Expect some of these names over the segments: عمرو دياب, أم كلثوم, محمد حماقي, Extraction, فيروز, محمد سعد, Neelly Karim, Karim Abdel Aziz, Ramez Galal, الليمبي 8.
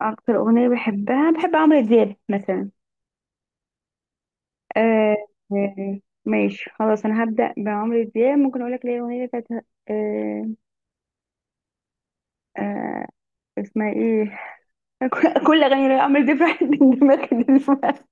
اكتر اغنيه بحبها، بحب عمرو دياب مثلا. آه ماشي خلاص، انا هبدا بعمرو دياب. ممكن اقول لك ليه اغنيه بتاعت آه آه اسمها ايه؟ كل اغاني عمرو دياب راحت من دماغي دلوقتي.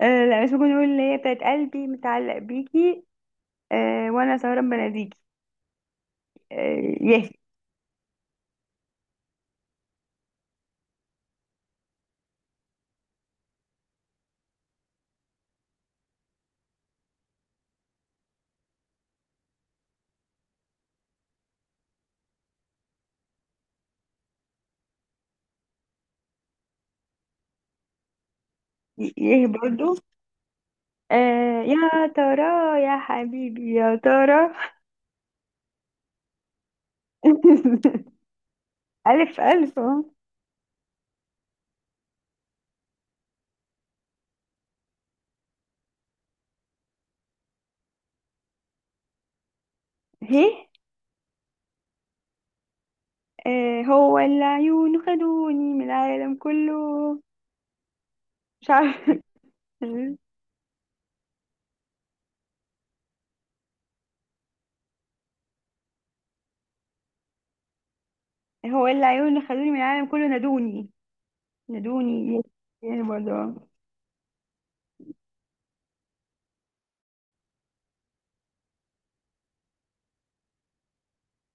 آه لا، مش ممكن، اقول اللي هي بتاعت قلبي متعلق بيكي. آه وانا سهران بناديكي. آه. يه. يه برضو. آه، يا ترى، يا حبيبي يا ترى. الف، الف اهو. هي. آه، هو العيون خدوني من العالم كله. مش عارفة. هو العيون خدوني من العالم كله، نادوني. نادوني. يعني برضه.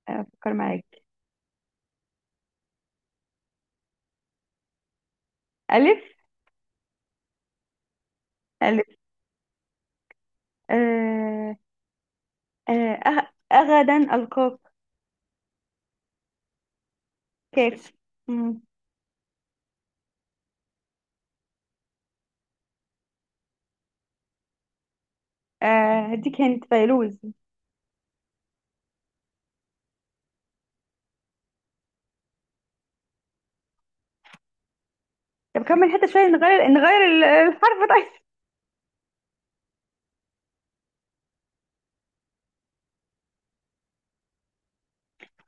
أفكر معاك. ألف. ألف. آه، أغدا ألقاك. كاف. مم. آه، هديك هنت، فيروز. طب كمل حتى شوية. نغير الحرف طيب.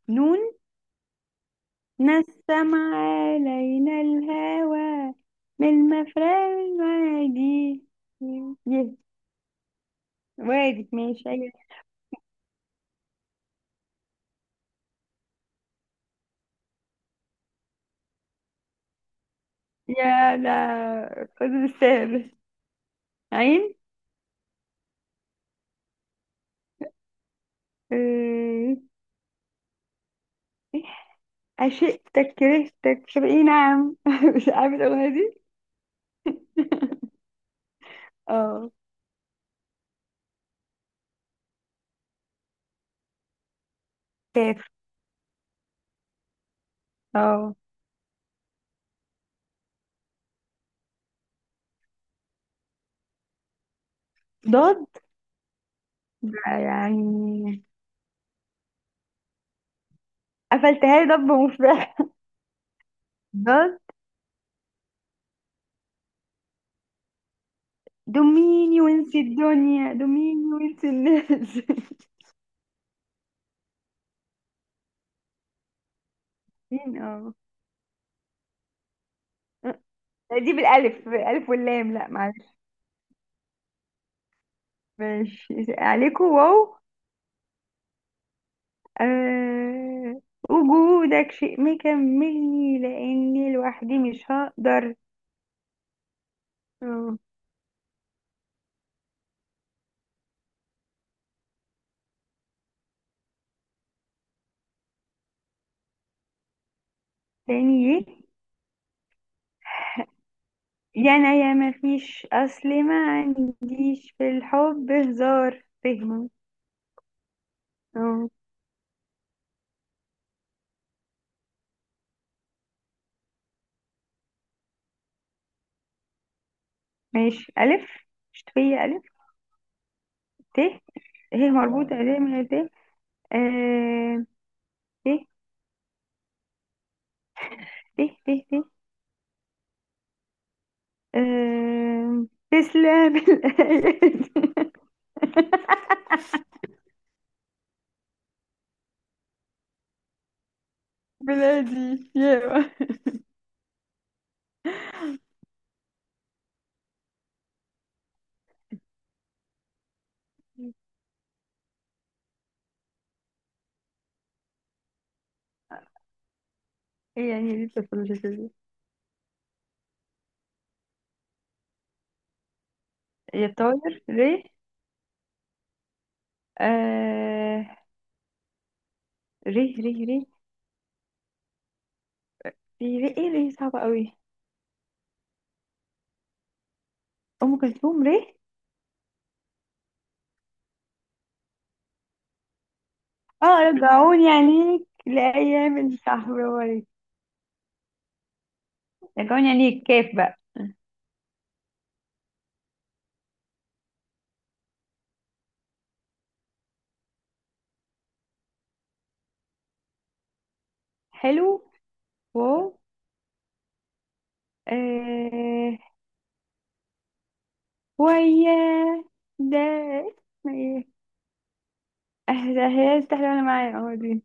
نون. نسم علينا الهوى من مفرق المعادي. يه. وارد ماشي، أيوة. يا لا خذ بالسهل. عين. آه، عشقتك كرهتك مش عارفة ايه، نعم، مش عارفة الأغنية دي. اه. كاف. اه. ضاد. يعني قفلتها لي، ضب مفرح. ضاد. دوميني وانسي الدنيا، دوميني وانسي الناس. مين. اه لا، دي بالألف، بالألف واللام، لا معلش. ماشي، عليكم، واو. أه. وجودك شيء ما يكملني، لأني لوحدي مش هقدر. اه. تاني ايه؟ يا أنا يا ما فيش، أصل ما عنديش في الحب هزار فهمه. اه. ماشي، ألف. شتوية، ألف. ت. ه مربوطة ل من ت. آه، ت ت ت. ت. آه، تسلم الأيادي. بلادي يا. إيه يعني؟ لسه مش كده. يا طاير، ري. آه. ري ري ري. في ري ايه؟ ري صعبة قوي. ام كلثوم. ري. اه، رجعوني عليك لايام الشهر. برافو عليك. رجعوني عليك. كيف بقى. حلو. واو. آه. ويا. ده اسمه ايه؟ آه، ده هي استحلى وانا معايا. اه دي.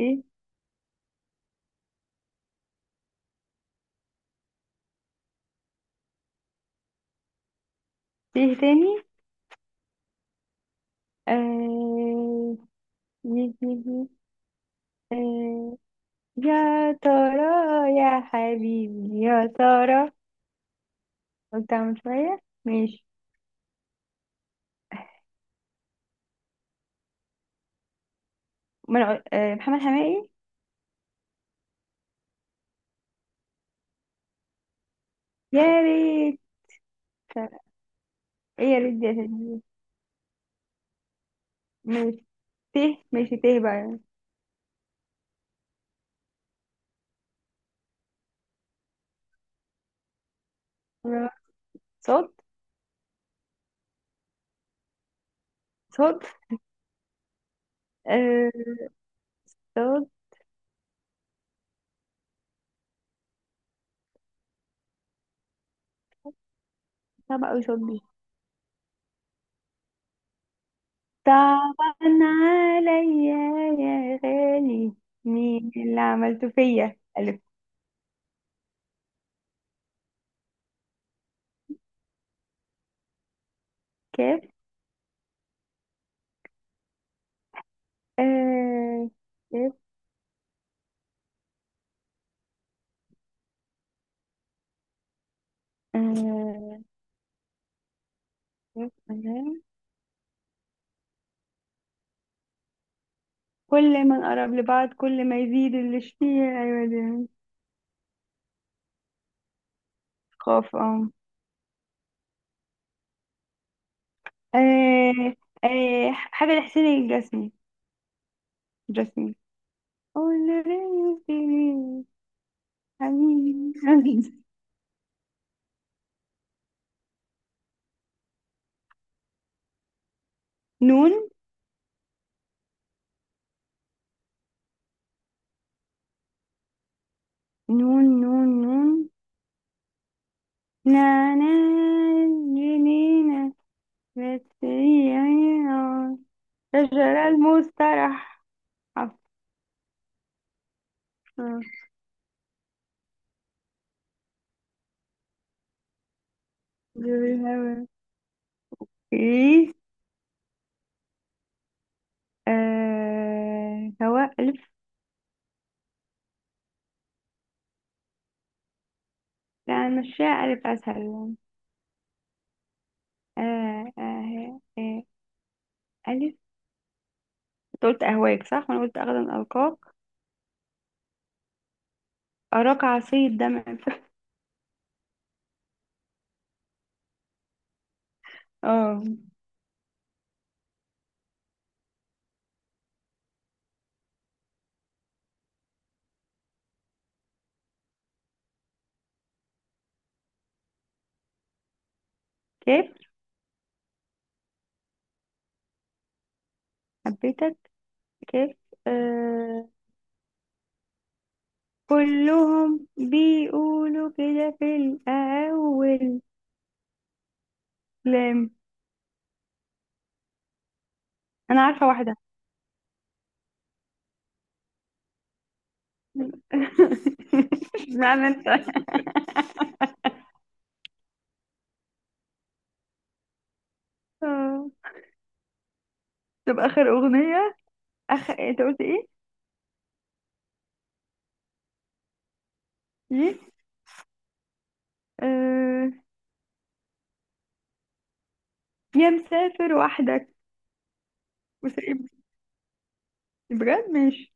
ايه. ايه تاني؟ آه. يه. آه، يا ترى، يا حبيبي يا ترى. قلت اعمل شوية. ماشي. من. آه، محمد حماقي. يا ريت. ايه، يا ريت دي يا سيدي؟ ماشي. ته. ماشي ته بقى يعني. صوت. صوت. آه. صوت. صعب اوي صوت دي. طبعا. عليا يا غالي، مين اللي عملته فيا. ألف. كاف. آه. كاف. آه. كاف. آه. كل ما نقرب لبعض، كل ما يزيد الاشتياق، أيوة دي. خاف، اه. آه. آه، حاجة لحسين الجسمي. جسمي. حبيبي. نون. نون. نون. نون. نعناع. جنينة. بس هي عيون. شجرة المسترح. عفوا. دور الهوا. ايه؟ آه، هواء، ألف. لا مشاء ألف أسهل يعني. آه آه آه ألف. أنت قلت أهواك صح؟ وأنا قلت أغدا ألقاك. أراك عصير دمع ف- اه. كيف، حبيتك. كيف. آه. كلهم بيقولوا كده في الأول. لام. أنا عارفة واحدة. معنى أنت. آه. طب آخر أغنية، أنت قلت إيه؟ ليه؟ آه... يا مسافر وحدك وسايب. بجد، ماشي.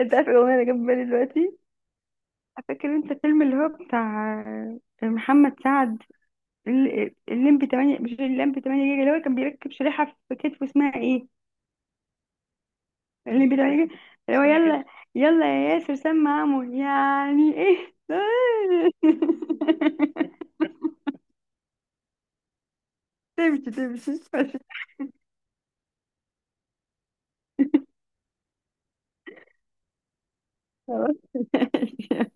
أنت عارف الأغنية اللي جت في بالي دلوقتي؟ فاكر أنت الفيلم اللي هو بتاع، آه، محمد سعد، الليمبي 8؟ مش الليمبي 8 جيجا اللي هو كان بيركب شريحة في كتفه، اسمها ايه؟ الليمبي 8 جيجا. اللي هو يلا، يلا يا ياسر سمع عمو يعني ايه. تمشي تمشي. خلاص.